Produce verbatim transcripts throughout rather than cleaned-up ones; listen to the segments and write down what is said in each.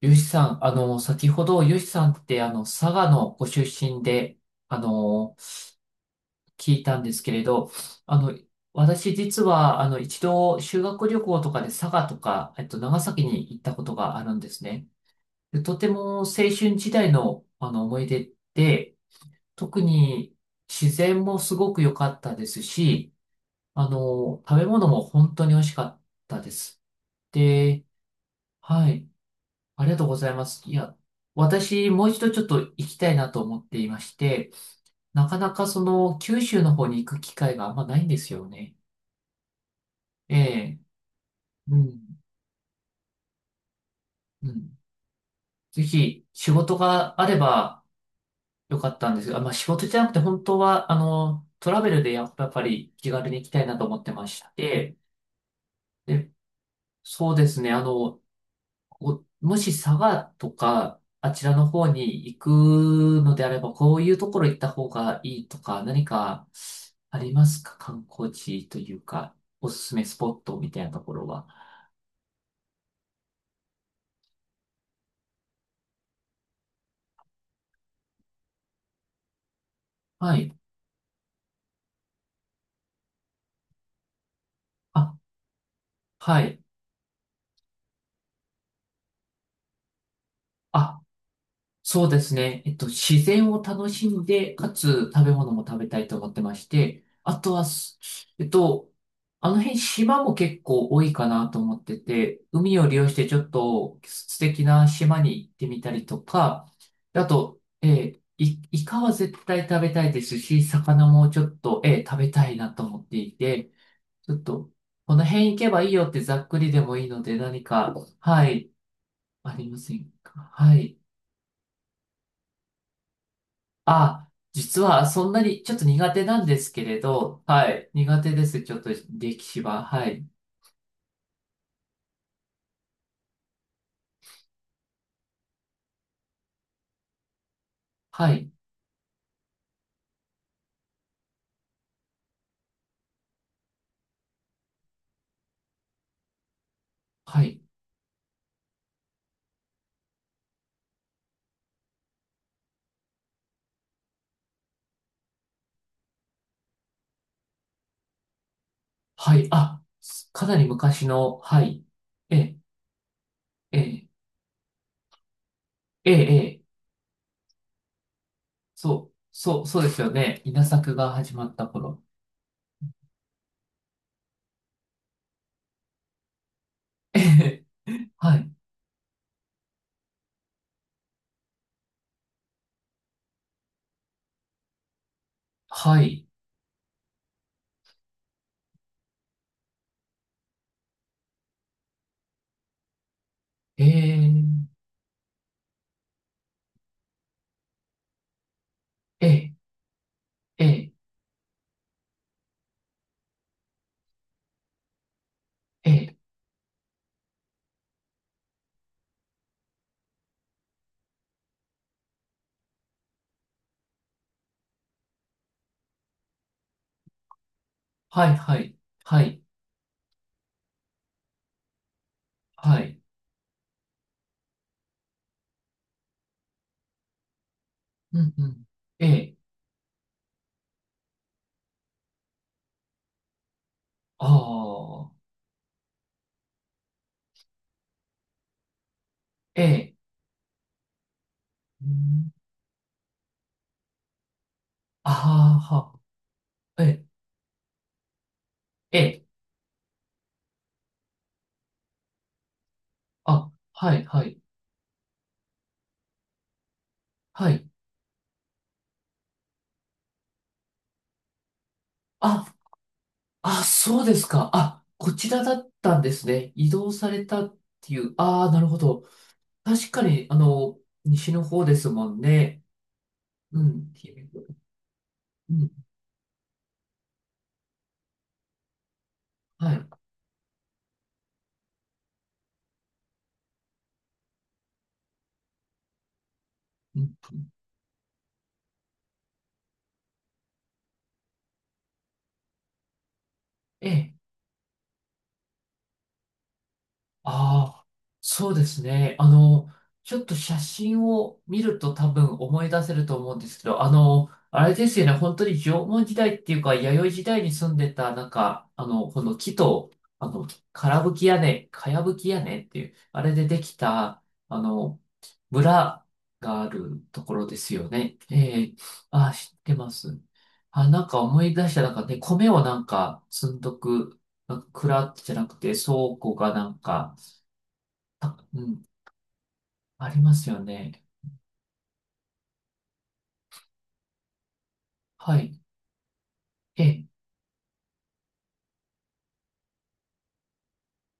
ゆうしさん、あの、先ほどゆうしさんってあの、佐賀のご出身で、あの、聞いたんですけれど、あの、私実はあの、一度修学旅行とかで佐賀とか、えっと、長崎に行ったことがあるんですね。でとても青春時代のあの、思い出で、特に自然もすごく良かったですし、あの、食べ物も本当に美味しかったです。で、はい。ありがとうございます。いや、私、もう一度ちょっと行きたいなと思っていまして、なかなかその、九州の方に行く機会があんまないんですよね。ええ、うん、うん。ぜひ、仕事があればよかったんですが、まあ仕事じゃなくて、本当は、あの、トラベルでやっぱり気軽に行きたいなと思ってまして、で、そうですね、あの、こう、もし佐賀とか、あちらの方に行くのであれば、こういうところ行った方がいいとか、何かありますか？観光地というか、おすすめスポットみたいなところは。はい。あ、はい。あ、そうですね。えっと、自然を楽しんで、かつ食べ物も食べたいと思ってまして、あとはす、えっと、あの辺島も結構多いかなと思ってて、海を利用してちょっと素敵な島に行ってみたりとか、あと、えーイ、イカは絶対食べたいですし、魚もちょっと、えー食べたいなと思っていて、ちょっと、この辺行けばいいよってざっくりでもいいので何か、はい、ありませんか？はい。あ、実はそんなにちょっと苦手なんですけれど、はい。苦手です。ちょっと歴史は。はい。はい。はい。はい。あ、すかなり昔の、はい。ええ、ええ、ええ、ええそう、そう、そうですよね。稲作が始まった頃。ええ、はい。はい。ええ、ええ、ええ、ええ、はい、はい。はい。はい。うん、うん。ええ、ああ、ええ、うんああ、ええ、ええあ、はい、はい、はい。あ、あ、そうですか。あ、こちらだったんですね。移動されたっていう。ああ、なるほど。確かに、あの、西の方ですもんね。うん、うん、はい。うん、ええああ、そうですね。あの、ちょっと写真を見ると多分思い出せると思うんですけど、あの、あれですよね、本当に縄文時代っていうか、弥生時代に住んでた、なんか、あの、この木と、あの、からぶき屋根、かやぶき屋根っていう、あれでできた、あの、村があるところですよね。ええああ、知ってます。あ、なんか思い出した、なんかね、米をなんか積んどく、なんか蔵じゃなくて倉庫がなんか、うん、ありますよね。はい。え、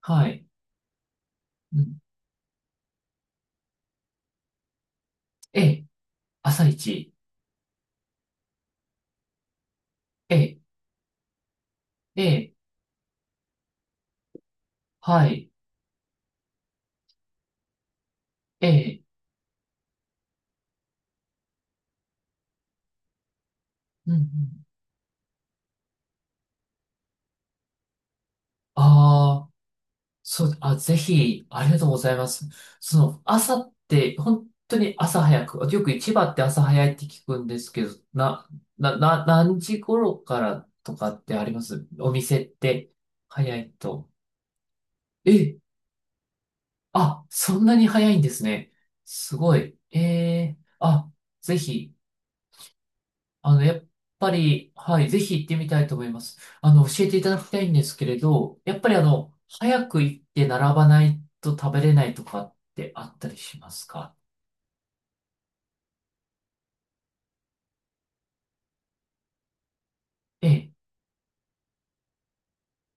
はい。うん、え、朝一。え、え、はい。え、うん、うん。ああ、そう、あ、ぜひ、ありがとうございます。その、朝って、本当に朝早く、よく市場って朝早いって聞くんですけど、な、な、な、何時頃からとかってありますお店って、早いと。えあ、そんなに早いんですね。すごい。ええあ、ぜひ、あの、やっぱり、はい、ぜひ行ってみたいと思います。あの、教えていただきたいんですけれど、やっぱりあの、早く行って並ばないと食べれないとかってあったりしますか？ええ。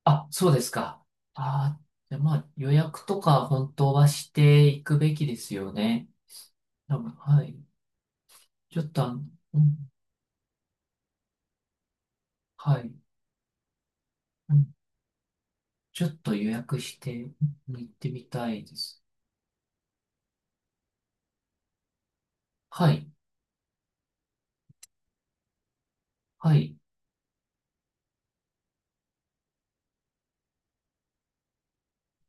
あ、そうですか。ああじゃあまあ、予約とか本当はしていくべきですよね。多分、はい。ちょっとあの、うん、はい。うんちょっと予約して行ってみたいです。はい、はい、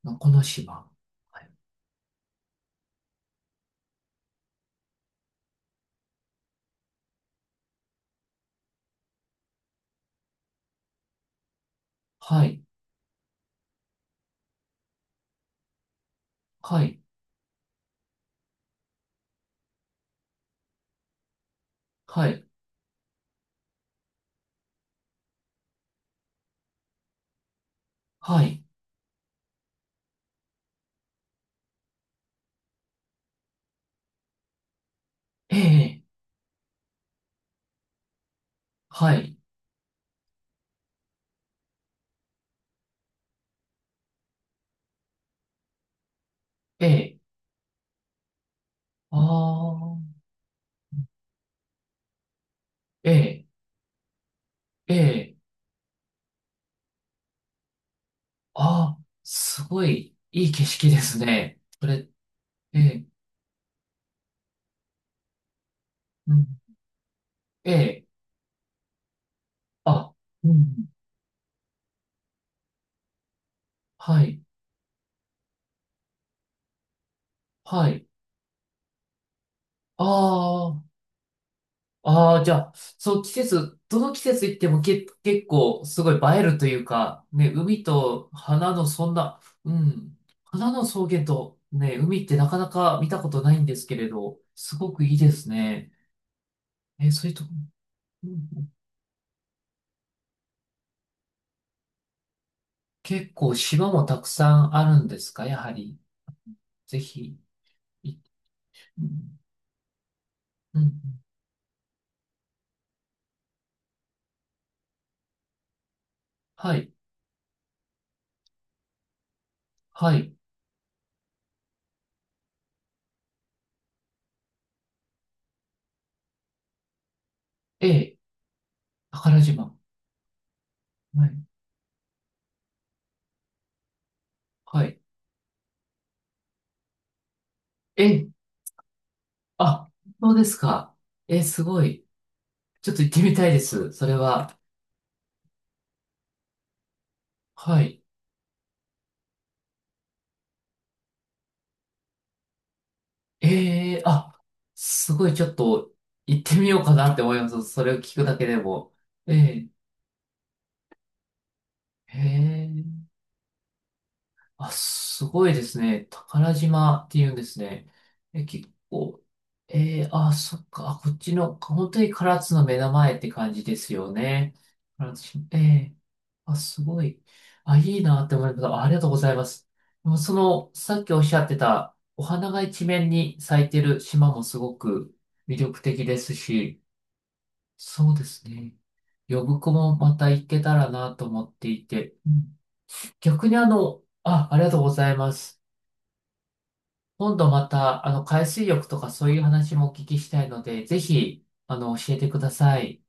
のこの島。はい、はい、はい、はい、ええ、はい、ええ、ああ、ええ、ええ、ああ、すごいいい景色ですね。これ、ええ、うん、ええ、あ、うん、はい、はい、ああ、ああ、じゃあ、そう、季節、どの季節行ってもけ、結構すごい映えるというか、ね、海と花のそんな、うん、花の草原とね、海ってなかなか見たことないんですけれど、すごくいいですね。え、そういうとこ、うん結構島もたくさんあるんですか、やはり。ぜひ、いうんうんはい、はい、ええ、宝島。はい、はい。え、あ、そうですか。え、すごい。ちょっと行ってみたいです。それは。はい。ええあ、すごいちょっと行ってみようかなって思います。それを聞くだけでも。ええへえあ、すごいですね。宝島っていうんですね。え、結構、えー、あ、そっか、あこっちの、本当に唐津の目の前って感じですよね。唐津市、ええあ、すごい。あ、いいなって思います。あありがとうございます。でもその、さっきおっしゃってた、お花が一面に咲いてる島もすごく魅力的ですし、そうですね。呼子もまた行けたらなと思っていて、うん逆にあの、あ、ありがとうございます。今度また、あの、海水浴とかそういう話もお聞きしたいので、ぜひ、あの、教えてください。